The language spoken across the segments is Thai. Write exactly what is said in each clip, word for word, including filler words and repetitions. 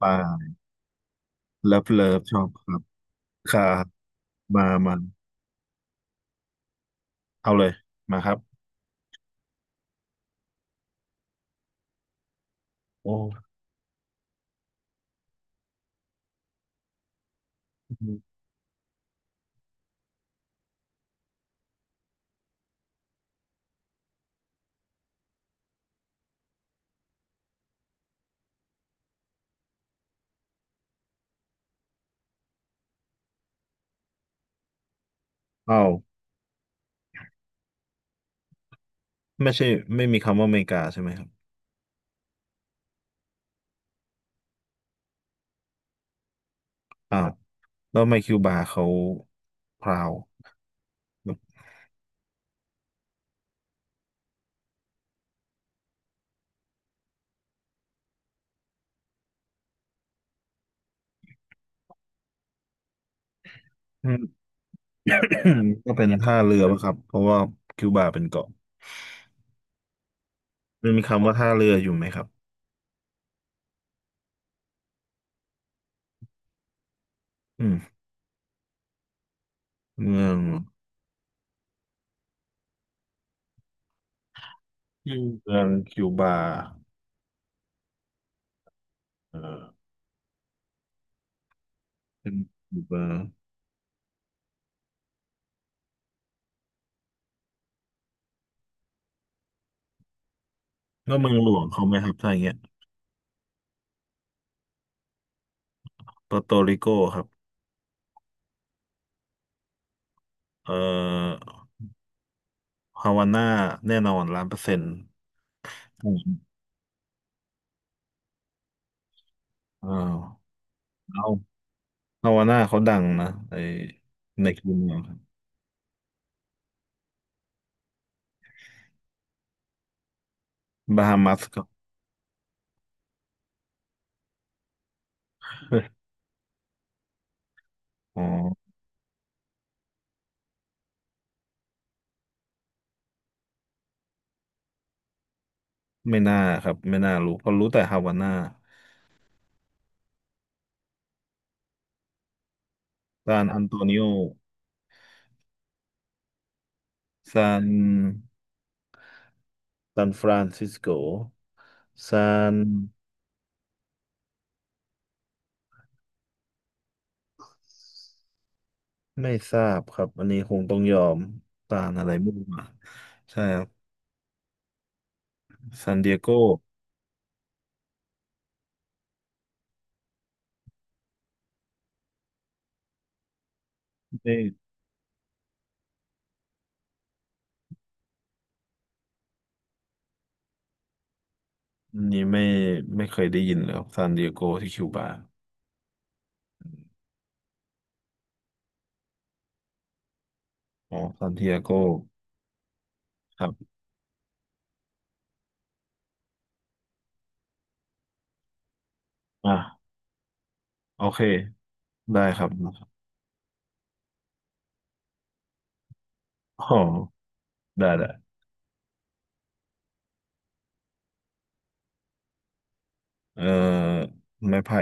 ปลาเลิฟเลิฟชอบครับครัมามาเอาเลย มาครับโอ้อ้าวไม่ใช่ไม่มีคำว่าอเมริกาใช่ไหมครับอ้าวแล้วทำไมคิวบาเขาพราวอืม ก็เป็นท่าเรือป่ะครับเพราะว่าคิวบาเป็นเกาะมันมีคำว่าท่าเรืออยู่ไหมครับอืมเมืองชื่อเมืองคิวบาเออเป็นคิวบาแล้วเมืองหลวงเขาไหมครับถ้าอย่างเงี้ยปอร์โตริโกครับเอ่อฮาวาน่าแน่นอนล้านเปอร์เซ็นต์ อืมอ้าวเอาฮาวาน่าเขาดังนะไอในคิวเมืองครับบาฮามัสครับ อ๋อ ไม่น่าครับไม่น่ารู้เพราะรู้แต่ฮาวาน่าซานอันโตนิโอซานซานฟรานซิสโกซานไม่ทราบครับ อันนี้คงต้องยอมซานอะไรไม่รู้อ่ะใช่ครับซานดิเอโกไม่อันนี้ไม่ไม่เคยได้ยินเลยครับซานดิเอโกที่คิวบา อ๋อซานดิเอโกครับอ่ะโอเค ได้ครับ อ๋อได้ได้เอ่อไม้ไผ่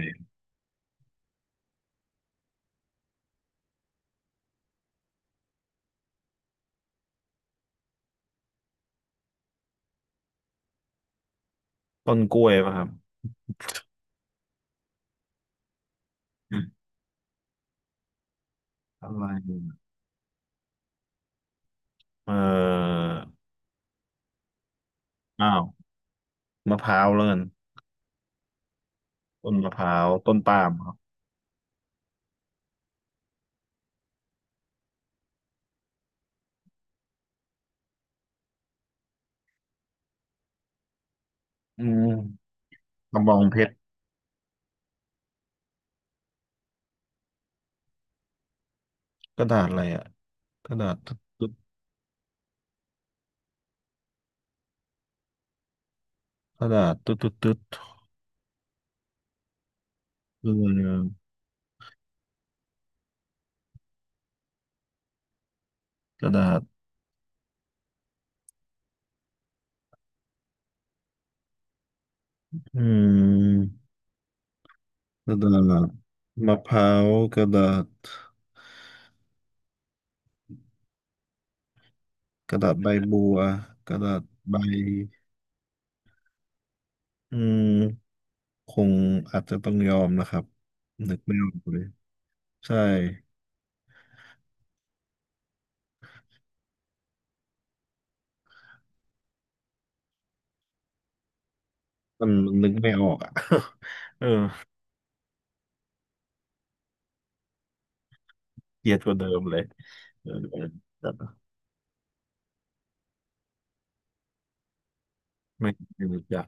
ต้นกล้วยป่ะครับอมอะไรเอ่ออ้าวมะพร้าวแล้วกันต้นมะพร้าวต้นปาล์มครับอืมกระบองเพชรกระดาษอะไรอ่ะกระดาษตึ๊ดตึ๊ดกระดาษตึ๊ดตึ๊ดตึ๊ดคืออะไรอะกระดาษอืมกระดาษมะพร้าวกระดาษกระดาษใบบัวกระดาษใบอืมคงอาจจะต้องยอมนะครับนึกไม่ออกเลย ใช่ มันนึกไม่ออกอ่ะ เออเกลียดกว่าเดิมเลยเออแบบไม่ไม่รู้จัก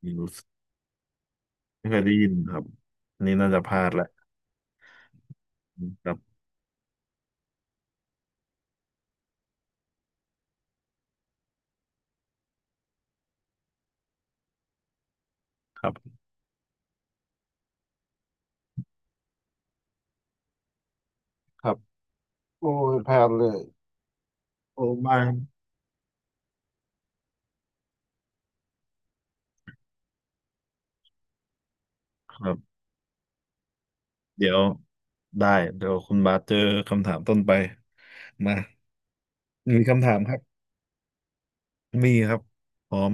ไม่รู้สึกไม่เคยได้ยินครับอันนี่น่าจะพลาดแหละครับครับครับโอ้ยพลาดเลยโอ้บ้างครับเดี๋ยวได้ เดี๋ยวคุณบาสเจอคำถามต้นไปมามีคำถามครับ มีครับพร้อม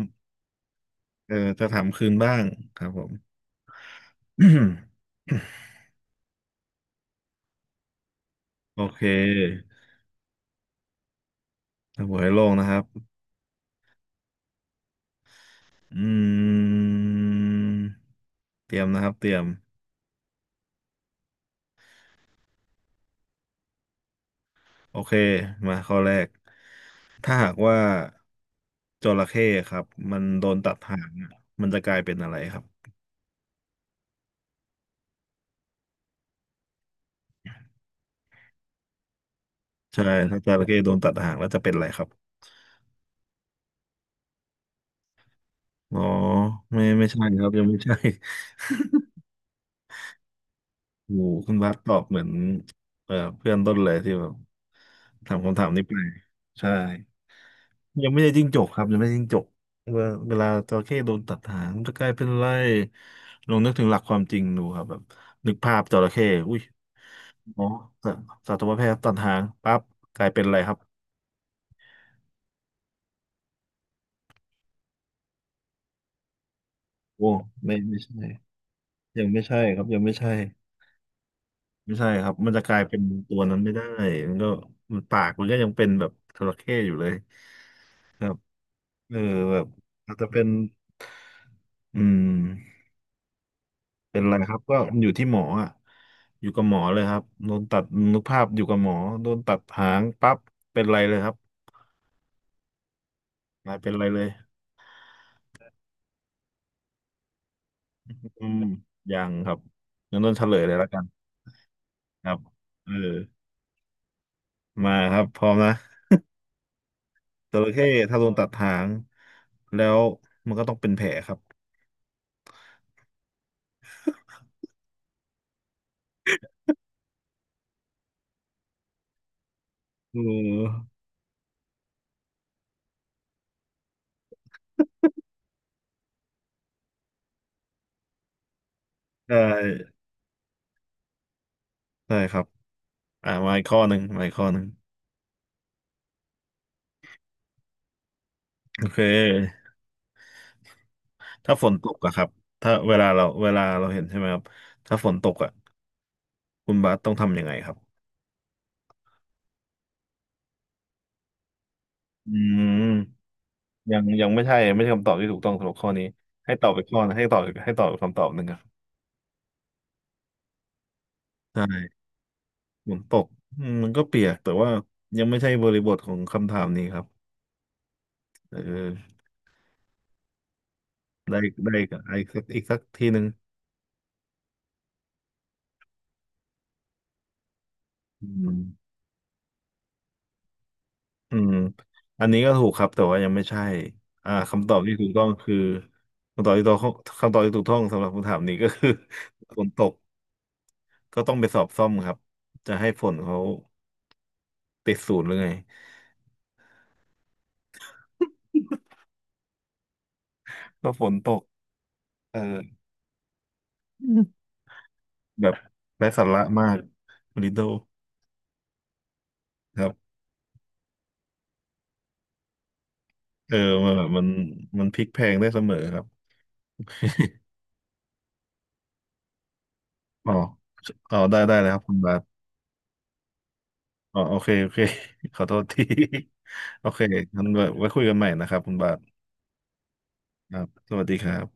เออจะถามคืนบ้างครับผม โอเคถ้าหัวให้โล่งนะครับ อืมเตรียมนะครับเตรียมโอเคมาข้อแรกถ้าหากว่าจระเข้ครับมันโดนตัดหางอะมันจะกลายเป็นอะไรครับใช่ถ้าจระเข้โดนตัดหางแล้วจะเป็นอะไรครับอ๋อไม่ไม่ใช่ครับยังไม่ใช่ โอ้โหคุณบาสตอบเหมือนเอ่อเพื่อนต้นเลยที่แบบถามคำถามนี้ไปใช่ ยังไม่ได้จิ้งจกครับยังไม่ได้จิ้งจกเวลาเวลาจระเข้โดนตัดหางมัก็กลายเป็นไรลองนึกถึงหลักความจริงดูครับแบบนึกภาพจระเข้อุ้ยหมอสัสัตวแพทย์ตัดหางปั๊บกลายเป็นอะไรครับโอ้ไม่ไม่ใช่ยังไม่ใช่ครับยังไม่ใช่ไม่ใช่ครับมันจะกลายเป็นตัวนั้นไม่ได้มันก็มันปากมันก็ยังเป็นแบบจระเข้อยู่เลยครับเออแบบอาจจะเป็นอืม เป็นไรครับก็อยู่ที่หมออ่ะอยู่กับหมอเลยครับโดนตัดนึกภาพอยู่กับหมอโดนตัดหางปั๊บเป็นไรเลยครับนายเป็นไรเลยอืมยังครับงั้นต้นเฉลยเลยแล้วกันครับเออมาครับพร้อมนะจระเข้ถ้าโดนตัดหางแล้วมันก็ต้องเป็นแผลครับเออใช่ใช่ครับอ่ามาอีกข้อหนึ่งมาอีกข้อหนึ่งโอเคถ้าฝนตกอะครับถ้าเวลาเราเวลาเราเห็นใช่ไหมครับถ้าฝนตกอะคุณบาสต้องทำยังไงครับ อืมยังยังไม่ใช่ไม่ใช่คำตอบที่ถูกต้องสำหรับข้อนี้ให้ตอบไปข้อนะให้ตอบให้ตอบคำตอบหนึ่งครับใช่ฝนตกอืมมันก็เปียกแต่ว่ายังไม่ใช่บริบทของคำถามนี้ครับเออได้ได้อีกอีกสักอีกสักทีหนึ่งอืมอืมอันนี้ก็ถูกครับแต่ว่ายังไม่ใช่อ่าคำตอบที่ถูกต้องคือคำตอบที่ถูกต้องคำตอบที่ถูกต้องสำหรับคำถามนี้ก็คือ ฝนตกก็ต้องไปสอบซ่อมครับจะให้ฝนเขาติดศูนย์หรือไงก็ฝนตกเออ แบบไร้สาระมากลิโดครับเออมันแบบมันมันพลิกแพลงได้เสมอครับอ๋ออ๋อได้ได้เลยครับคุณบาสอ๋อโอเคโอเค ขอโทษที โอเคงั้นไว้ไว้คุยกันใหม่นะครับคุณบาสครับสวัสดีครับ